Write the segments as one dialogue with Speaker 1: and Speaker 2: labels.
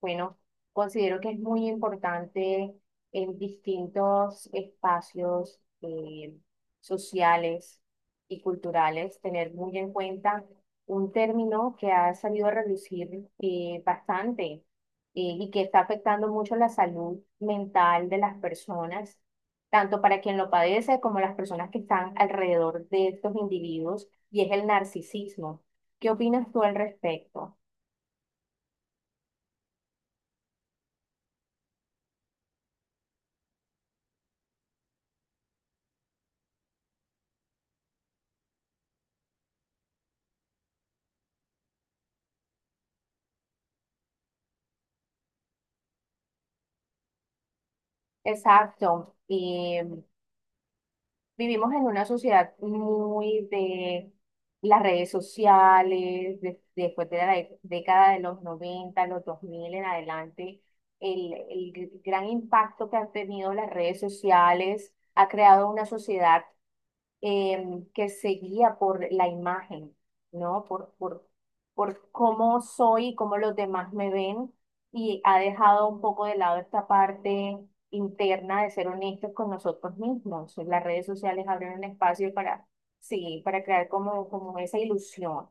Speaker 1: Bueno, considero que es muy importante en distintos espacios sociales y culturales tener muy en cuenta un término que ha salido a reducir bastante y que está afectando mucho la salud mental de las personas, tanto para quien lo padece como las personas que están alrededor de estos individuos, y es el narcisismo. ¿Qué opinas tú al respecto? Exacto. Vivimos en una sociedad muy de las redes sociales, después de la década de los 90 los 2000 en adelante, el gran impacto que han tenido las redes sociales ha creado una sociedad que se guía por la imagen, ¿no? Por cómo soy y cómo los demás me ven. Y ha dejado un poco de lado esta parte interna de ser honestos con nosotros mismos. Las redes sociales abren un espacio para, sí, para crear como esa ilusión.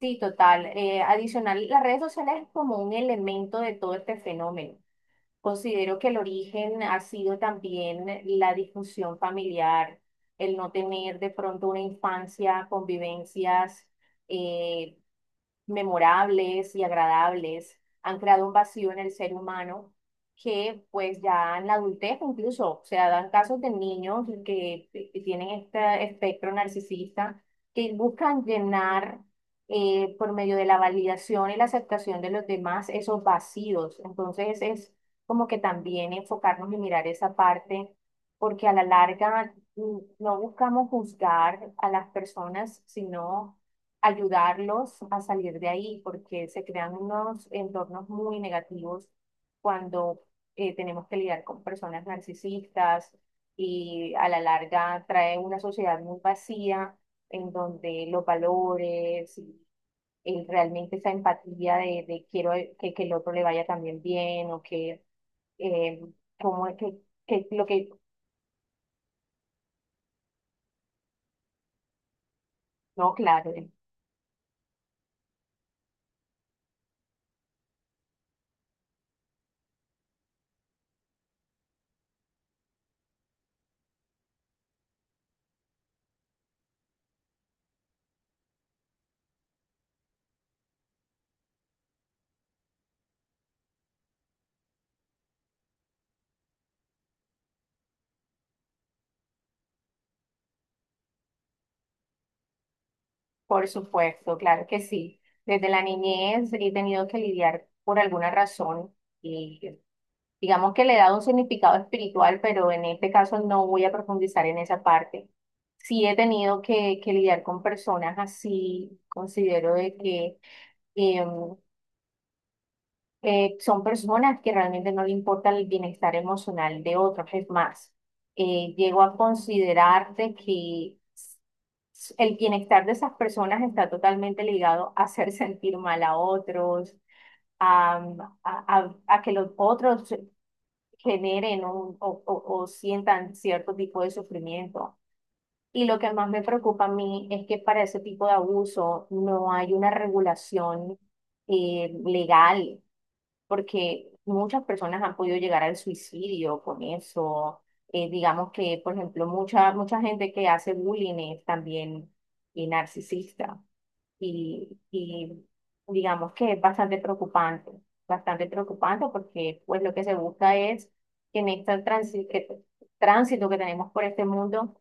Speaker 1: Sí, total. Adicional, las redes sociales es como un elemento de todo este fenómeno. Considero que el origen ha sido también la disfunción familiar, el no tener de pronto una infancia, convivencias, eh, memorables y agradables, han creado un vacío en el ser humano que pues ya en la adultez incluso, o sea, dan casos de niños que tienen este espectro narcisista, que buscan llenar por medio de la validación y la aceptación de los demás esos vacíos. Entonces es como que también enfocarnos y mirar esa parte, porque a la larga no buscamos juzgar a las personas, sino ayudarlos a salir de ahí, porque se crean unos entornos muy negativos cuando tenemos que lidiar con personas narcisistas y a la larga trae una sociedad muy vacía en donde los valores y realmente esa empatía de quiero que el otro le vaya también bien o que, eh, como que lo que, no, claro. Por supuesto, claro que sí. Desde la niñez he tenido que lidiar por alguna razón y digamos que le he dado un significado espiritual, pero en este caso no voy a profundizar en esa parte. Sí he tenido que lidiar con personas así, considero de que em, son personas que realmente no le importa el bienestar emocional de otros. Es más, llego a considerar de que el bienestar de esas personas está totalmente ligado a hacer sentir mal a otros, a, a que los otros generen o sientan cierto tipo de sufrimiento. Y lo que más me preocupa a mí es que para ese tipo de abuso no hay una regulación legal porque muchas personas han podido llegar al suicidio con eso. Digamos que, por ejemplo, mucha gente que hace bullying es también narcisista y digamos que es bastante preocupante porque pues lo que se busca es que en este tránsito que tenemos por este mundo,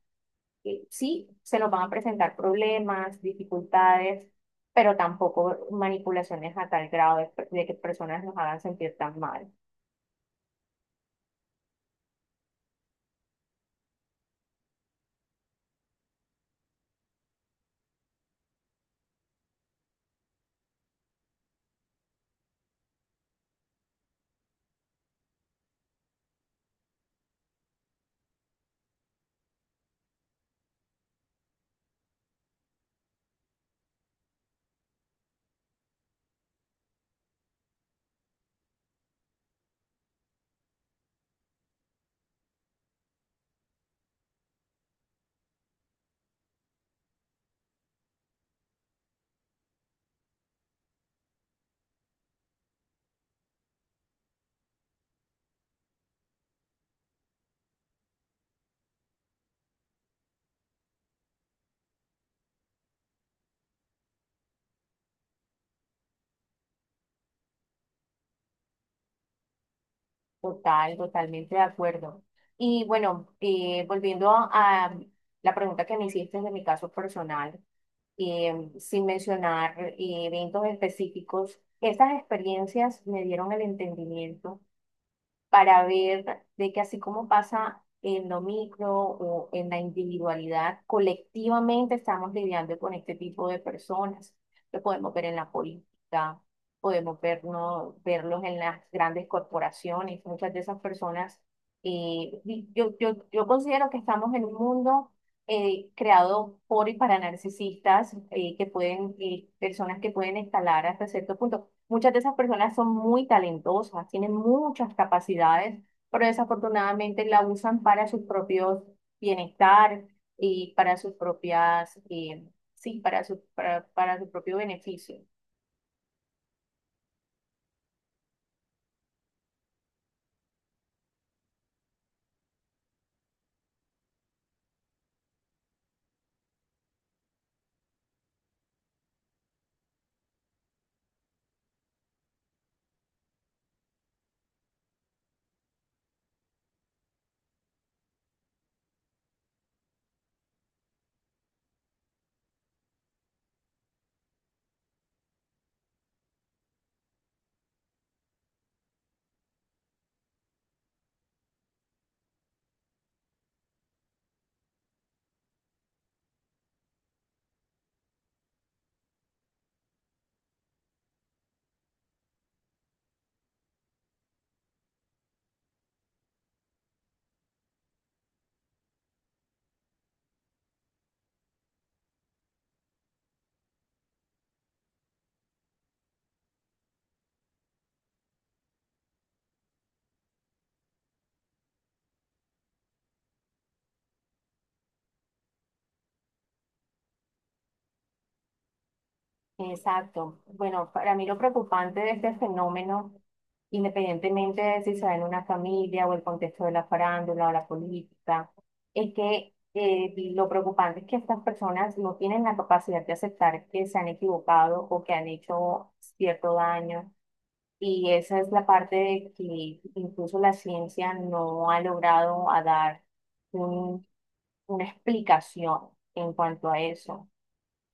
Speaker 1: sí, se nos van a presentar problemas, dificultades, pero tampoco manipulaciones a tal grado de que personas nos hagan sentir tan mal. Total, totalmente de acuerdo. Y bueno, volviendo a la pregunta que me hiciste de mi caso personal, sin mencionar eventos específicos, estas experiencias me dieron el entendimiento para ver de que así como pasa en lo micro o en la individualidad, colectivamente estamos lidiando con este tipo de personas. Lo podemos ver en la política, podemos vernos, verlos en las grandes corporaciones. Muchas de esas personas, y yo considero que estamos en un mundo creado por y para narcisistas, que pueden, y personas que pueden escalar hasta cierto punto. Muchas de esas personas son muy talentosas, tienen muchas capacidades, pero desafortunadamente la usan para sus propios bienestar y para sus propias, sí, para su propio beneficio. Exacto. Bueno, para mí lo preocupante de este fenómeno, independientemente de si se da en una familia o el contexto de la farándula o la política, es que lo preocupante es que estas personas no tienen la capacidad de aceptar que se han equivocado o que han hecho cierto daño. Y esa es la parte de que incluso la ciencia no ha logrado a dar un- una explicación en cuanto a eso.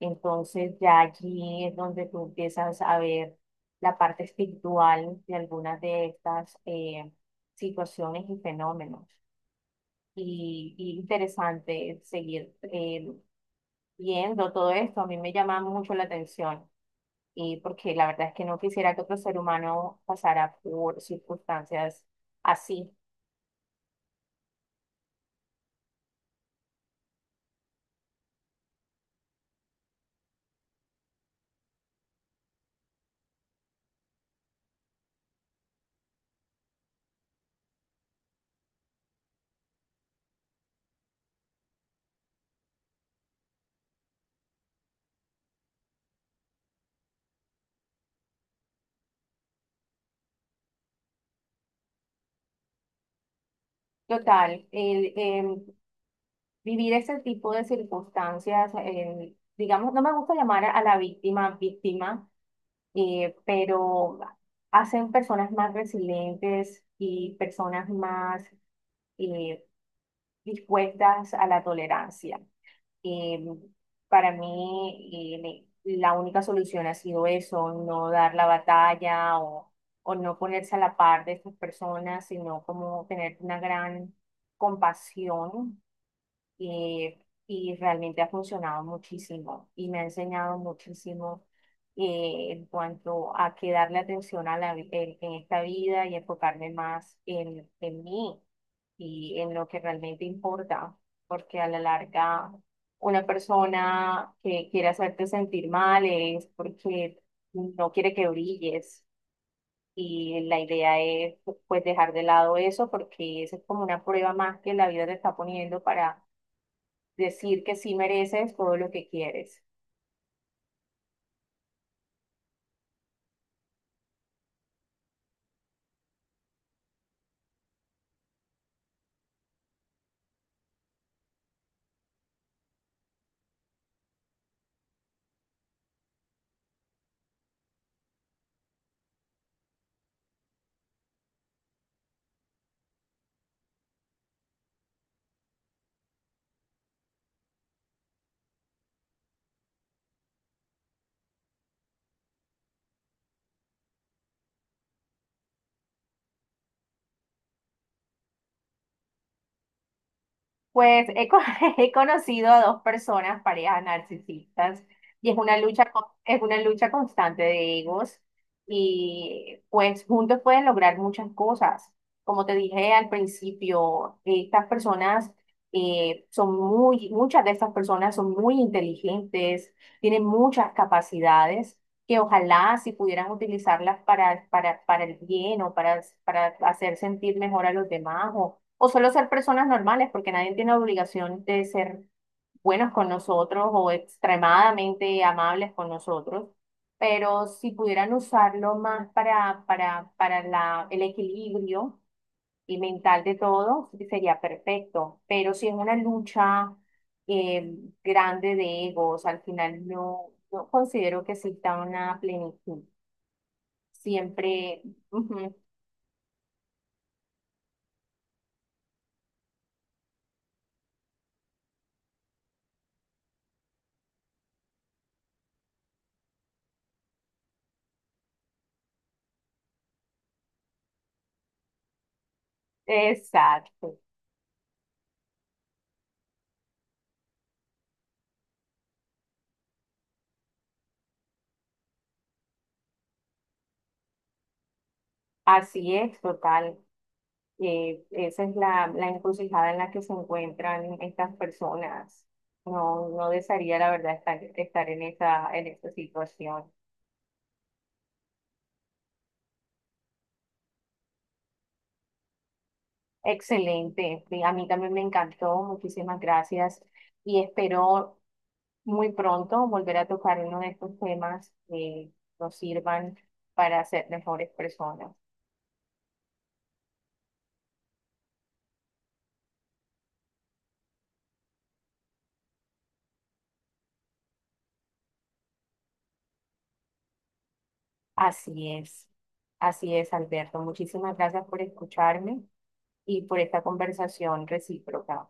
Speaker 1: Entonces ya allí es donde tú empiezas a ver la parte espiritual de algunas de estas situaciones y fenómenos. Y interesante seguir viendo todo esto. A mí me llama mucho la atención y porque la verdad es que no quisiera que otro ser humano pasara por circunstancias así. Total, vivir ese tipo de circunstancias, digamos, no me gusta llamar a la víctima víctima pero hacen personas más resilientes y personas más eh, dispuestas a la tolerancia. Eh, para mí, la única solución ha sido eso, no dar la batalla o, no ponerse a la par de estas personas, sino como tener una gran compasión eh, y realmente ha funcionado muchísimo y me ha enseñado muchísimo en cuanto a que darle atención a en esta vida y enfocarme más en mí y en lo que realmente importa, porque a la larga una persona que quiere hacerte sentir mal es porque no quiere que brilles. Y la idea es pues dejar de lado eso porque esa es como una prueba más que la vida te está poniendo para decir que sí mereces todo lo que quieres. Pues he conocido a dos personas, parejas narcisistas, y es una lucha constante de egos, y pues juntos pueden lograr muchas cosas. Como te dije al principio, estas personas son muy, muchas de estas personas son muy inteligentes, tienen muchas capacidades que ojalá si pudieran utilizarlas para el bien o para hacer sentir mejor a los demás o solo ser personas normales, porque nadie tiene obligación de ser buenos con nosotros o extremadamente amables con nosotros. Pero si pudieran usarlo más para el equilibrio y mental de todo, sería perfecto. Pero si es una lucha eh, grande de egos, al final no considero que exista una plenitud. Siempre, ujú, exacto. Así es, total. Esa es la encrucijada en la que se encuentran estas personas. No, no desearía, la verdad, estar en en esa situación. Excelente. Sí, a mí también me encantó. Muchísimas gracias. Y espero muy pronto volver a tocar uno de estos temas que nos sirvan para ser mejores personas. Así es. Así es, Alberto. Muchísimas gracias por escucharme y por esta conversación recíproca.